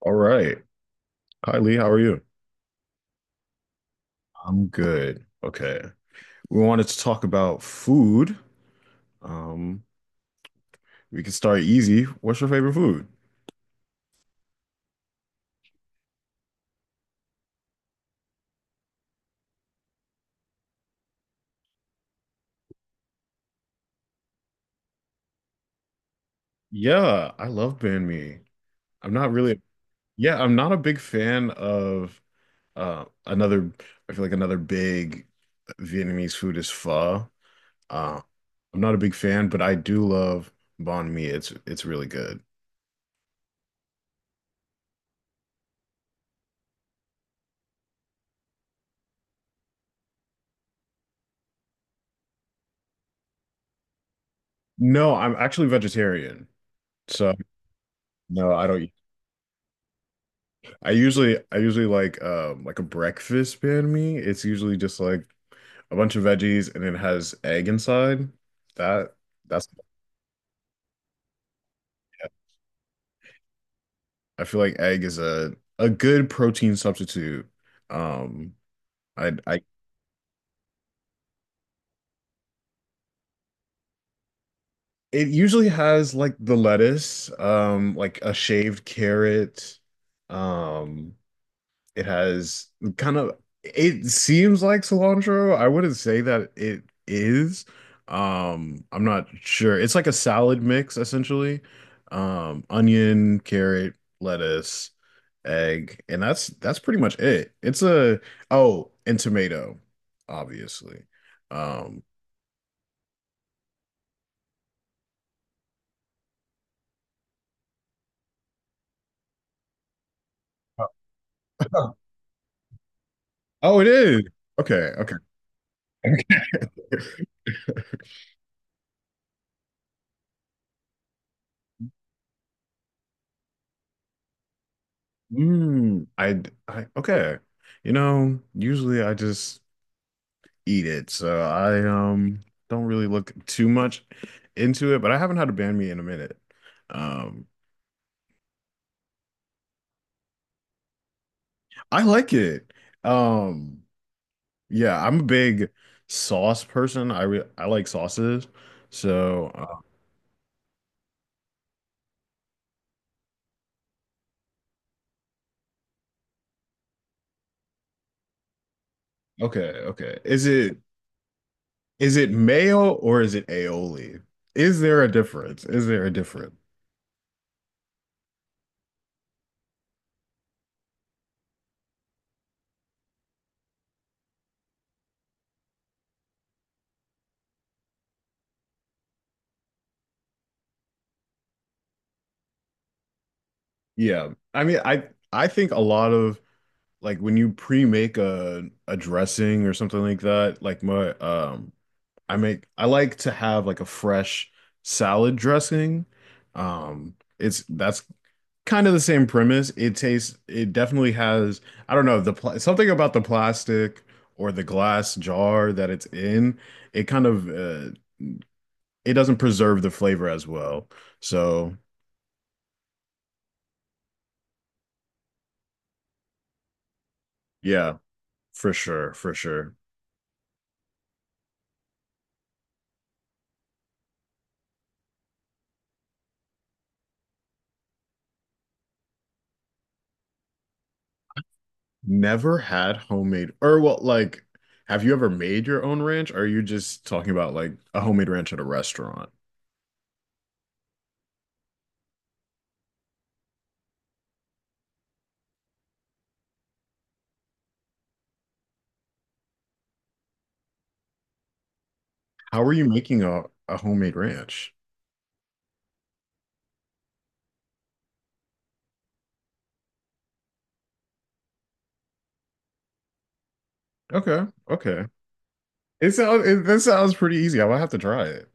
All right. Hi, Lee. How are you? I'm good. Okay. We wanted to talk about food. Um, we can start easy. What's your favorite food? Yeah, I love banh mi. I'm not really, Yeah, I'm not a big fan of uh another, I feel like another big Vietnamese food is pho. Uh, I'm not a big fan, but I do love banh mi. It's really good. No, I'm actually vegetarian. So no, I don't I usually like a breakfast banh mi. It's usually just like a bunch of veggies and it has egg inside. That that's I feel like egg is a good protein substitute. Um I It usually has like the lettuce, like a shaved carrot. Um It has kind of It seems like cilantro. I wouldn't say that it is. I'm not sure. It's like a salad mix essentially. Onion, carrot, lettuce, egg, and that's pretty much it. It's a Oh, and tomato, obviously. Um, Oh. Oh, it is. Okay, okay. Mm, I okay. You know, usually I just eat it. So I don't really look too much into it, but I haven't had a banh mi in a minute. Um, I like it. Um, yeah, I'm a big sauce person. I like sauces. So okay, okay. Is it mayo or is it aioli? Is there a difference? Is there a difference? Yeah. I mean, I think a lot of like when you pre-make a dressing or something like that, like my I like to have like a fresh salad dressing. It's That's kind of the same premise. It definitely has I don't know the pl something about the plastic or the glass jar that it's in. It kind of it doesn't preserve the flavor as well. So yeah, for sure, for sure. Never had homemade or have you ever made your own ranch? Or are you just talking about like a homemade ranch at a restaurant? How are you making a homemade ranch? Okay, okay. This sounds pretty easy. I will have to try it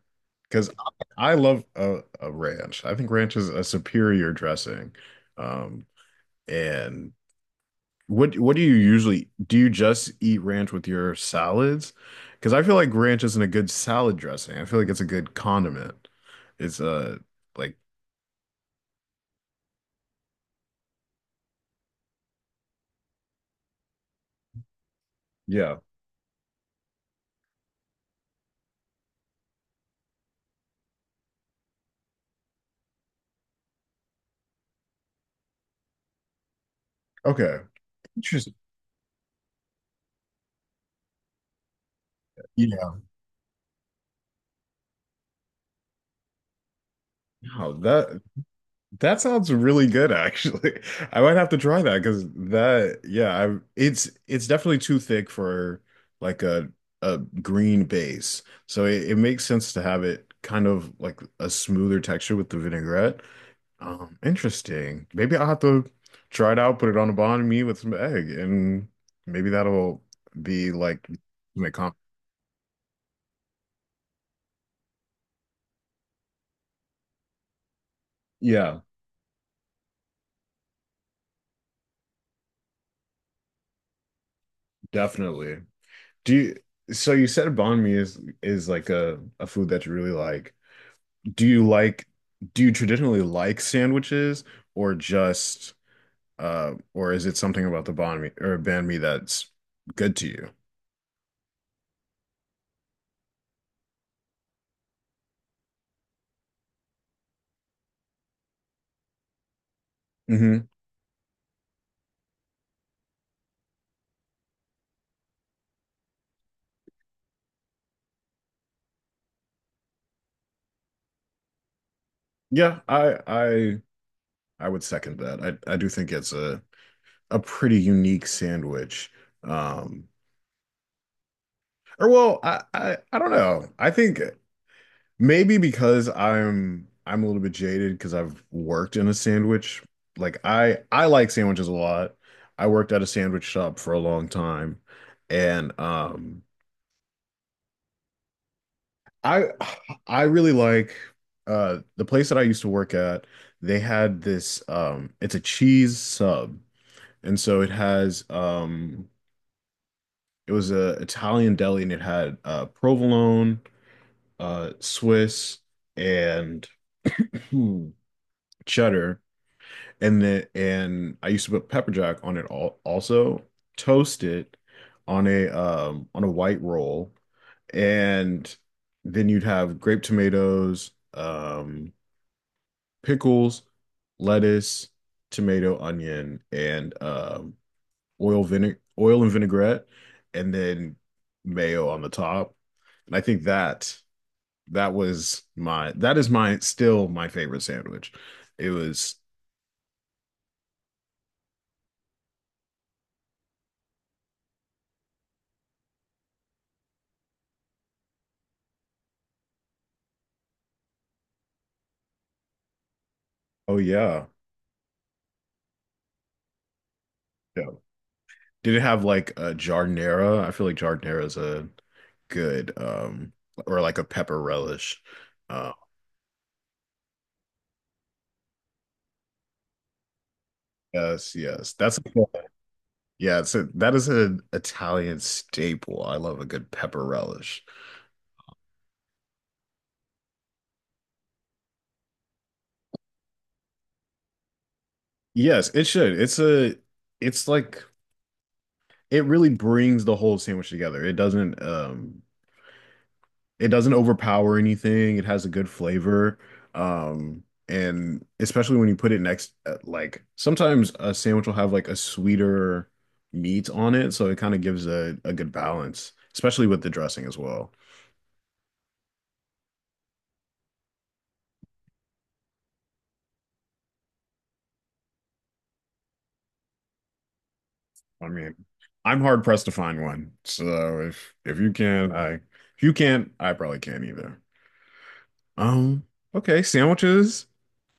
because I love a ranch. I think ranch is a superior dressing. Um, and what do you usually do you just eat ranch with your salads? Because I feel like ranch isn't a good salad dressing. I feel like it's a good condiment. It's like Yeah. Okay. Interesting. Yeah. Wow, that That sounds really good, actually. I might have to try that because yeah, I it's definitely too thick for like a green base. So it makes sense to have it kind of like a smoother texture with the vinaigrette. Interesting. Maybe I'll have to try it out, put it on a banh mi with some egg, and maybe that'll be like my comp. Yeah, definitely. Do you, so you said banh mi is like a food that you really like. Do you like do you traditionally like sandwiches or just or is it something about the banh mi or banh mi that's good to you? Hmm. Yeah, I would second that. I do think it's a pretty unique sandwich. Um or well, I don't know. I think Maybe because I'm a little bit jaded because I've worked in a sandwich. Like I like sandwiches a lot. I worked at a sandwich shop for a long time, and I I really like the place that I used to work at. They had this it's a cheese sub, and so it has it was a Italian deli and it had provolone, Swiss, and cheddar, and then and I used to put pepper jack on it all, also toast it on a white roll, and then you'd have grape tomatoes, um, pickles, lettuce, tomato, onion, and oil vinegar, oil and vinaigrette, and then mayo on the top. And I think that that was my that is my still my favorite sandwich. It was Oh, yeah. Yeah. Did it have like a jardinera? I feel like jardinera is a good or like a pepper relish. Uh, yes, yes. That's Yeah, it's that is an Italian staple. I love a good pepper relish. Yes, it should. It's a it's like It really brings the whole sandwich together. It doesn't overpower anything. It has a good flavor. Um, and especially when you put it next, like sometimes a sandwich will have like a sweeter meat on it, so it kind of gives a good balance, especially with the dressing as well. I mean, I'm hard pressed to find one. So if you can, I if you can't, I probably can't either. Um, okay, sandwiches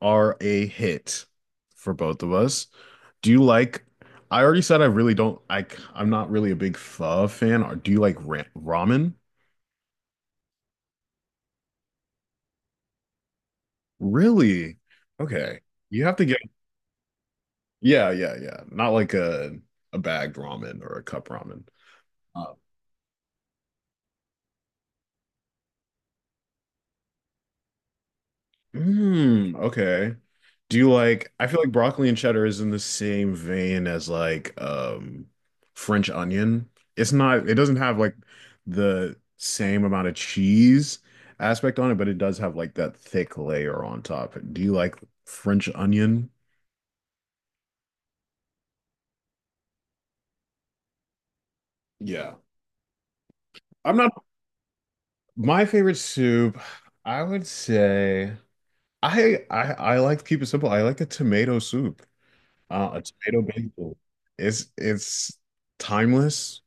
are a hit for both of us. Do you like, I already said I really don't, I'm not really a big pho fan. Or do you like ra ramen? Really? Okay. You have to get, Yeah, yeah, yeah. Not like a bagged ramen or a cup ramen. Um, Mm, okay. Do you like, I feel like broccoli and cheddar is in the same vein as like French onion. It doesn't have like the same amount of cheese aspect on it, but it does have like that thick layer on top. Do you like French onion? Yeah. I'm not, My favorite soup, I would say I like to keep it simple. I like a tomato soup. A tomato basil. It's timeless.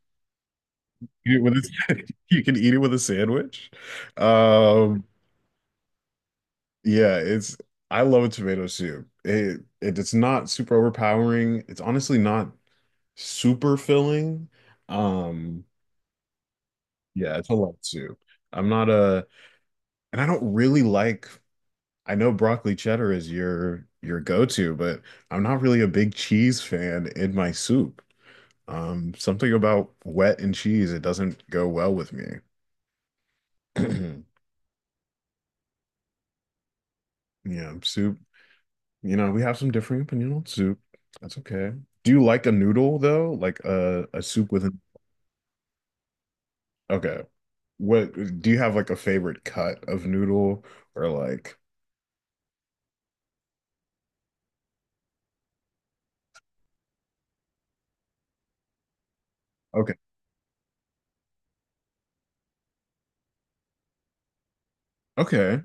Eat it with a, you can eat it with a sandwich. Um, yeah, it's I love a tomato soup. It's not super overpowering. It's honestly not super filling. Um, yeah, it's a lot of soup. I'm not a and I don't really like I know broccoli cheddar is your go-to, but I'm not really a big cheese fan in my soup. Something about wet and cheese, it doesn't go well with me. Yeah, soup. You know, we have some differing opinion on soup. That's okay. Do you like a noodle though? Like a soup with an okay. What do you have like a favorite cut of noodle or like okay. Okay.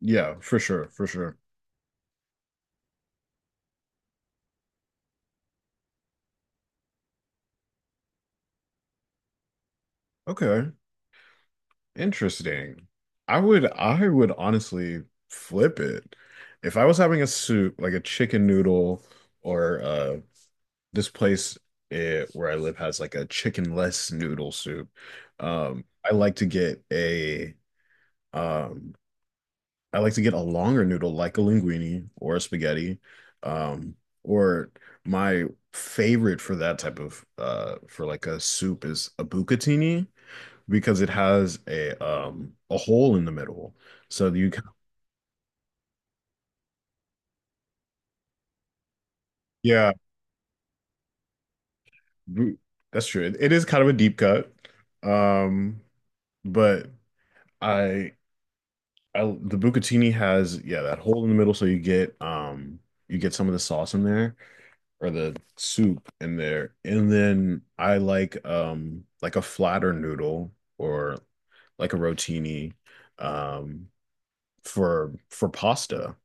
Yeah, for sure, for sure. Okay. Interesting. I would honestly flip it. If I was having a soup, like a chicken noodle or this place where I live has like a chickenless noodle soup. Um, I like to get a Um, I like to get a longer noodle like a linguine or a spaghetti. Um, or My favorite for that type of for like a soup is a bucatini because it has a hole in the middle. So you can, yeah, bu- that's true. It is kind of a deep cut. Um, but I I the bucatini has yeah, that hole in the middle so you get some of the sauce in there or the soup in there. And then I like a flatter noodle or like a rotini um for pasta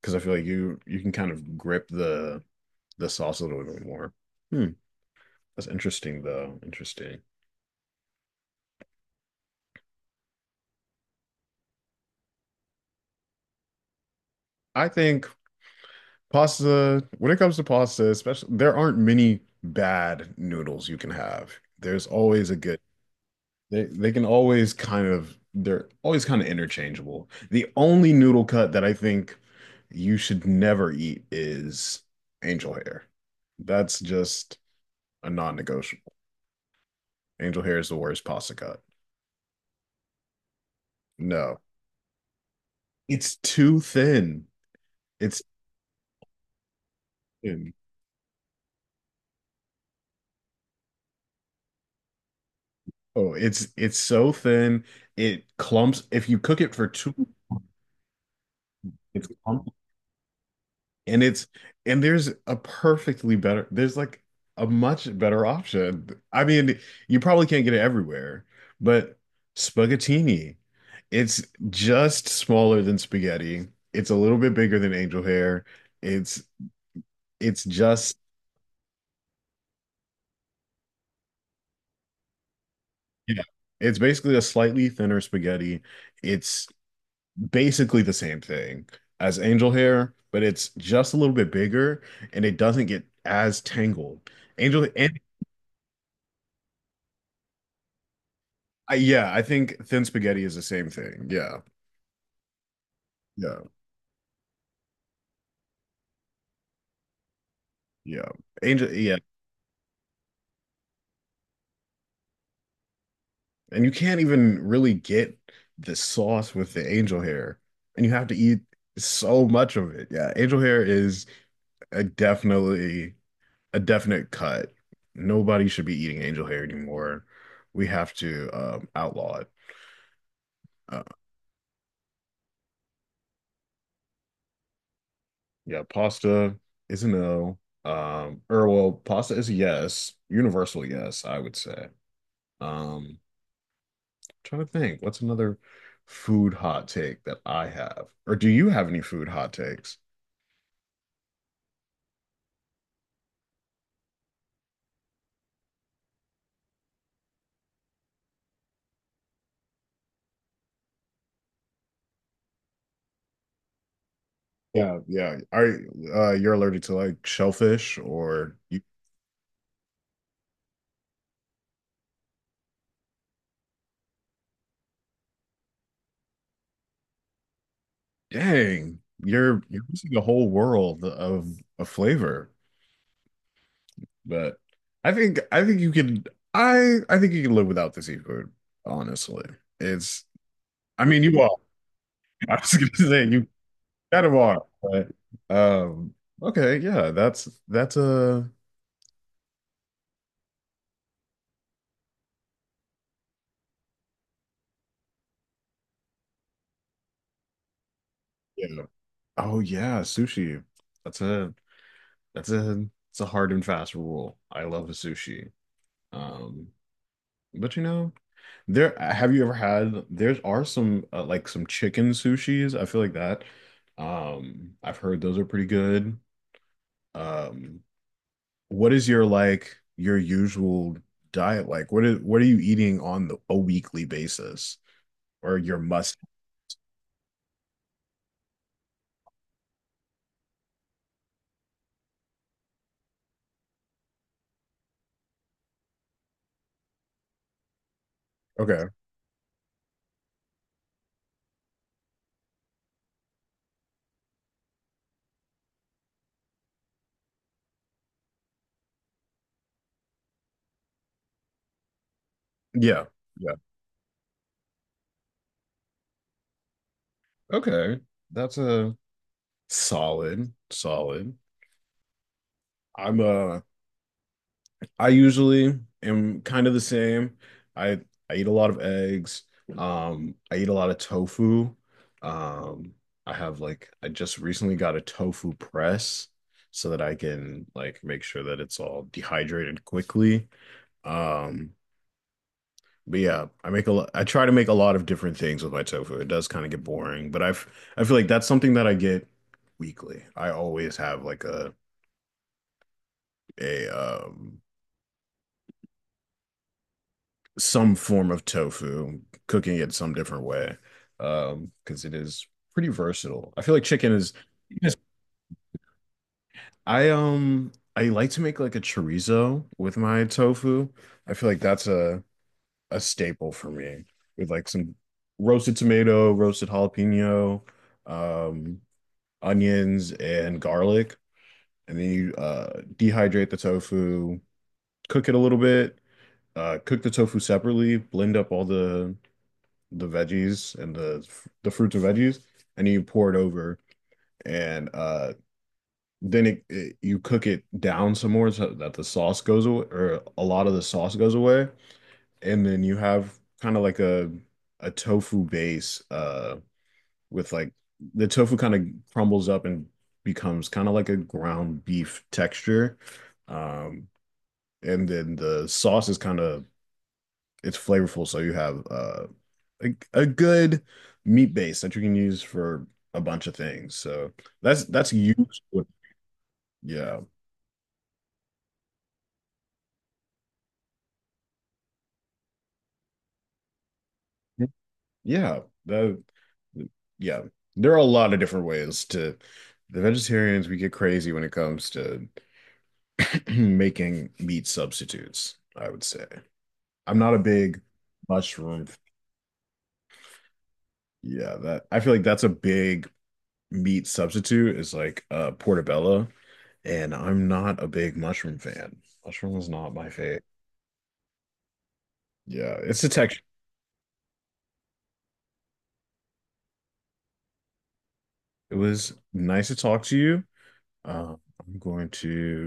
because I feel like you can kind of grip the sauce a little bit more. Hmm, that's interesting though. Interesting. I think pasta when it comes to pasta, especially there aren't many bad noodles you can have. There's always a good they can always kind of they're always kind of interchangeable. The only noodle cut that I think you should never eat is angel hair. That's just a non-negotiable. Angel hair is the worst pasta cut. No. It's too thin. It's thin. Oh, it's so thin. It clumps. If you cook it for too, it's clumpy. And it's and there's a perfectly better there's like a much better option. I mean, you probably can't get it everywhere, but spaghettini. It's just smaller than spaghetti. It's a little bit bigger than angel hair. It's it's just yeah. It's basically a slightly thinner spaghetti. It's basically the same thing as angel hair, but it's just a little bit bigger and it doesn't get as tangled. Angel yeah, I think thin spaghetti is the same thing. Yeah, yeah, yeah. Angel, yeah, and you can't even really get the sauce with the angel hair, and you have to eat so much of it. Yeah, angel hair is a definitely a definite cut. Nobody should be eating angel hair anymore. We have to outlaw it. Uh, yeah, pasta is a no. Pasta is a yes, universal yes, I would say. Um, trying to think, what's another food hot take that I have? Or do you have any food hot takes? Yeah, yeah. Are you're allergic to like shellfish or you, dang, you're missing a whole world of a flavor. But I think you can I think you can live without the seafood, honestly. It's I mean you are. I was gonna say you kind of are, but um okay, yeah, that's a Yeah. Oh yeah, sushi. That's a that's a it's a hard and fast rule. I love a sushi. Um, but you know, there have you ever had there are some like some chicken sushis. I feel like that. I've heard those are pretty good. Um, what is your like your usual diet like? What is what are you eating on the, a weekly basis or your must? Okay. Yeah. Yeah. Okay. That's a solid, solid. I'm uh I usually am kind of the same. I I eat a lot of eggs. I eat a lot of tofu. Um, I have like I just recently got a tofu press so that I can like make sure that it's all dehydrated quickly. Um, but yeah, I try to make a lot of different things with my tofu. It does kind of get boring, but I've I feel like that's something that I get weekly. I always have like a some form of tofu, cooking it some different way, because it is pretty versatile. I feel like chicken is. Yes. I like to make like a chorizo with my tofu. I feel like that's a staple for me with like some roasted tomato, roasted jalapeno, um, onions and garlic, and then you dehydrate the tofu, cook it a little bit, cook the tofu separately, blend up all the veggies and the fruits and veggies, and you pour it over, and then it you cook it down some more so that the sauce goes away, or a lot of the sauce goes away, and then you have kind of like a tofu base with like the tofu kind of crumbles up and becomes kind of like a ground beef texture. Um, and then the sauce is kind of it's flavorful, so you have a good meat base that you can use for a bunch of things. So that's used with yeah. Yeah. That Yeah. There are a lot of different ways to the vegetarians we get crazy when it comes to making meat substitutes, I would say. I'm not a big mushroom. Yeah, that I feel like that's a big meat substitute is like portobello. And I'm not a big mushroom fan. Mushroom was not my fave. Yeah, it's a texture. It was nice to talk to you. Uh, I'm going to